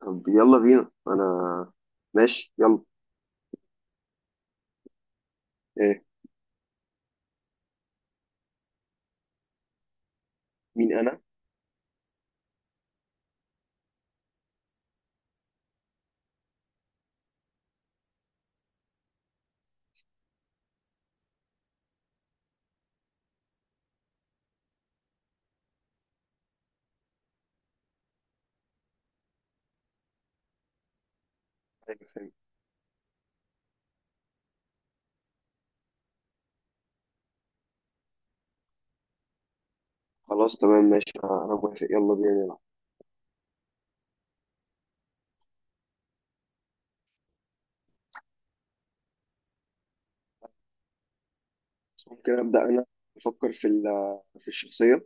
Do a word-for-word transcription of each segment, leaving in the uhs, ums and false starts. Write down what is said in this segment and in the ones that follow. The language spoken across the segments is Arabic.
طب يلا بينا. انا ماشي يلا. إيه. مين انا؟ أيوة، فهمت. خلاص تمام ماشي، انا أنا موافق، يلا بينا نلعب. بس ممكن ابدا انا؟ افكر في ال- في الشخصيه.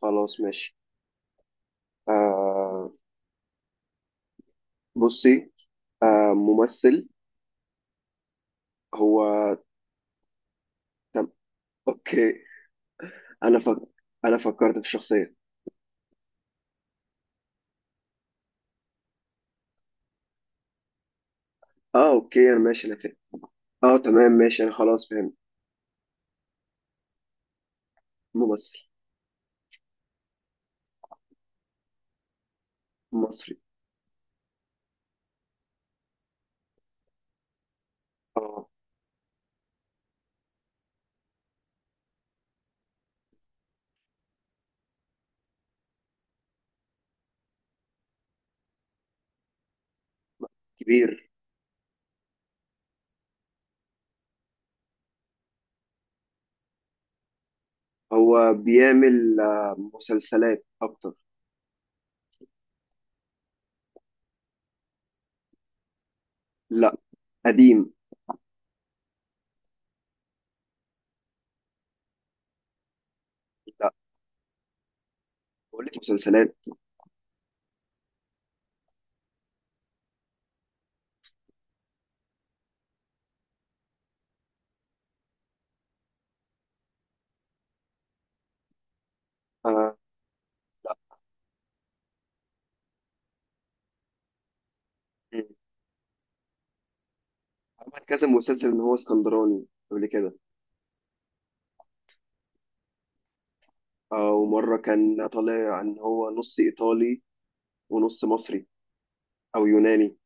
خلاص ماشي. آه. بصي. آه، ممثل، هو؟ طب اوكي. انا فك... انا فكرت في الشخصيه. اه اوكي، انا ماشي انا فاهم. اه تمام ماشي، انا خلاص فهمت. ممثل. مصري. اه. كبير. هو بيعمل آه مسلسلات اكتر. لا، قديم. لا، بقول لك مسلسلات. آه. لا. مم. عمل كذا مسلسل ان هو اسكندراني قبل كده. آه، ومره كان طالع ان هو نص ايطالي ونص مصري او يوناني.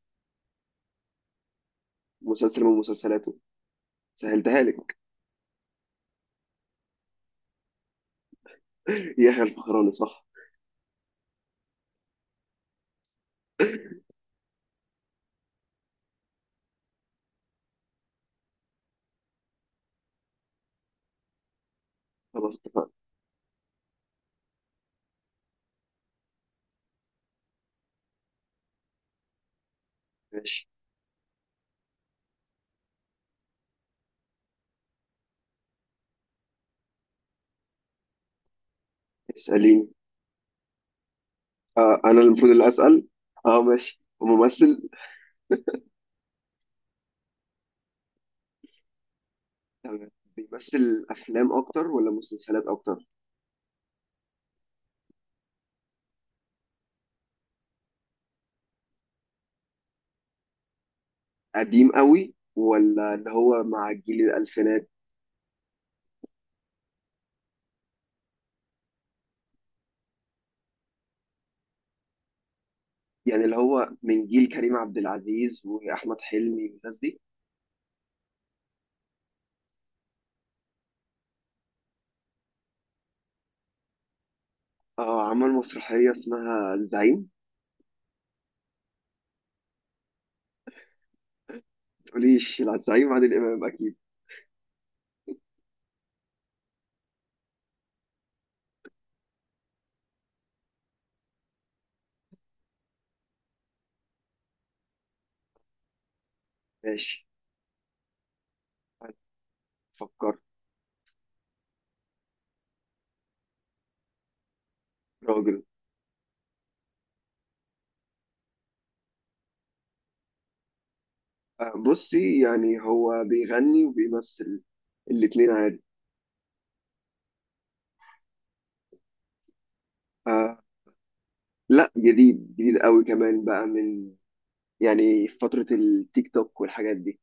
مسلسل من مسلسلاته، سهلتها لك. يحيى الفخراني صح. خلاص اتفقنا. ماشي. اسأليني. آه، أنا المفروض اللي أسأل. أه ماشي، وممثل. تمام. بيمثل أفلام أكتر ولا مسلسلات أكتر؟ قديم قوي ولا اللي هو مع الجيل الألفينات؟ يعني اللي هو من جيل كريم عبد العزيز واحمد حلمي والناس دي. اه، عمل مسرحيه اسمها الزعيم. تقوليش لا، الزعيم عادل امام اكيد. ماشي، فكر. راجل. آه بصي، يعني هو بيغني وبيمثل الاتنين عادي. آه لا، جديد، جديد قوي كمان، بقى من، يعني في فتره التيك توك والحاجات دي.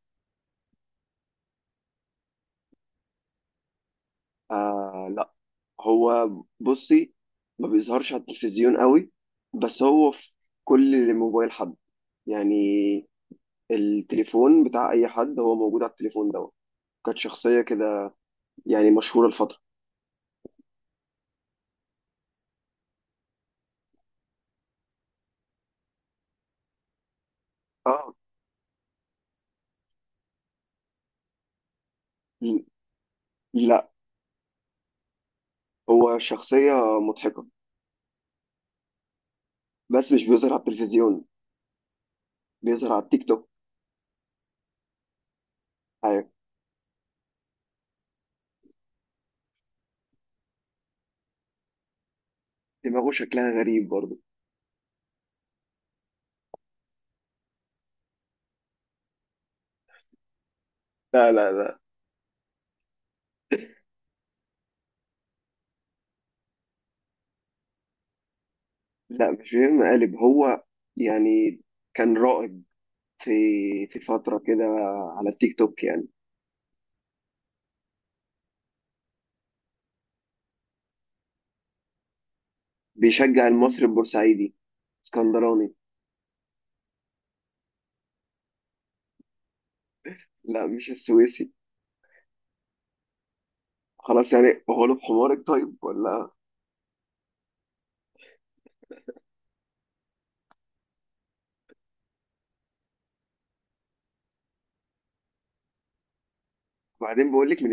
آه لا. هو بصي، ما بيظهرش على التلفزيون قوي، بس هو في كل موبايل حد، يعني التليفون بتاع اي حد هو موجود على التليفون دوت. كانت شخصيه كده يعني مشهوره الفتره. اه. ل- لا، هو شخصيه مضحكه بس مش بيظهر على التلفزيون. بيظهر على التيك توك. ايوه. دماغه شكلها غريب برضه. لا لا لا لا، مش بيهم قالب هو، يعني كان رائد في في فتره كده على التيك توك يعني. بيشجع المصري البورسعيدي، اسكندراني. لا، مش السويسي. خلاص يعني هو له في حمارك طيب ولا؟ بعدين بقول لك من.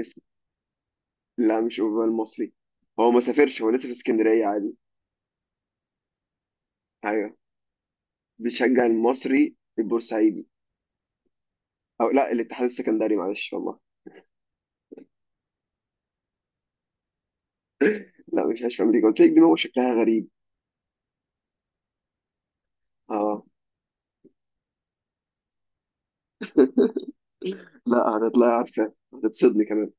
لا، مش اوروبا المصري. هو ما سافرش، هو لسه في اسكندريه عادي. ايوه. بيشجع المصري البورسعيدي او لا الاتحاد السكندري، معلش والله. لا مش عايش في امريكا، قلت لك دماغه شكلها غريب. اه. لا، هتطلعي عارفه، هتتصدمي كمان.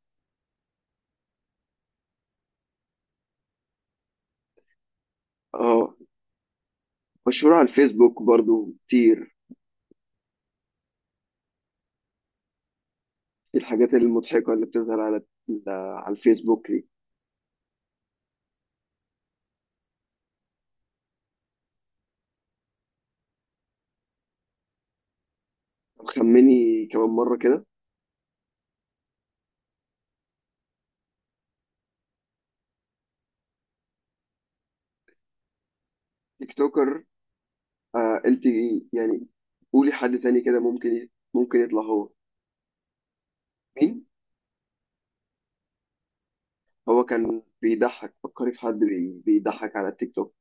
اه. مشهور على الفيسبوك برضو كتير، الحاجات المضحكه اللي بتظهر على على الفيسبوك دي. طب خمني كمان مره كده. تيك توكر. آه انت يعني قولي حد تاني كده، ممكن ممكن يطلع هو. مين؟ هو كان بيضحك، فكري في حد بي- بيضحك على التيك توك.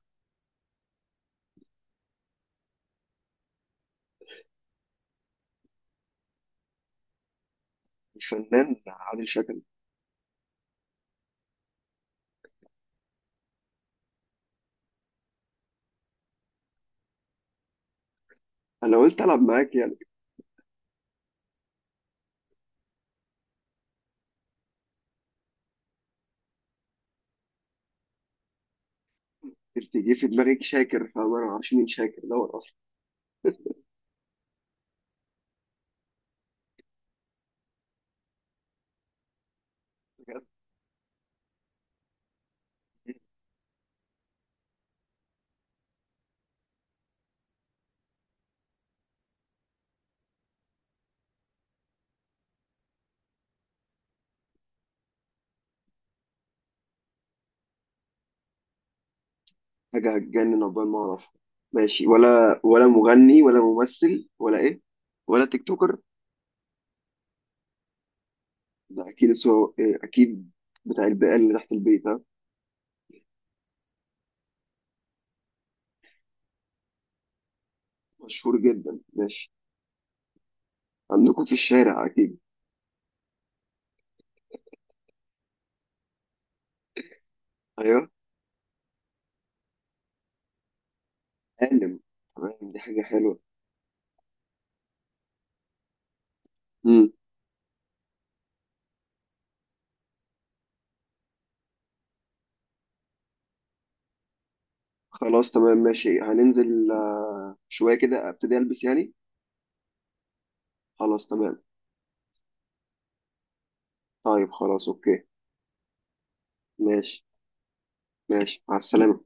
الفنان عادل شكل. انا قلت العب معاك يعني. قلت جه في دماغك شاكر، فانا ما اعرفش مين شاكر دوت اصلا. بجد. حاجه هتجنن عقبال ما اعرف؟ ماشي، ولا ولا مغني ولا ممثل ولا ايه؟ ولا تيك توكر. ده اكيد سو... إيه، اكيد بتاع البقال اللي تحت البيت ها. مشهور جدا، ماشي. عندكم في الشارع اكيد. ايوه. عالم. تمام، دي حاجه حلوه. امم. خلاص تمام ماشي، هننزل شوية كده، ابتدي البس يعني. خلاص تمام. طيب خلاص اوكي. ماشي. ماشي مع السلامة.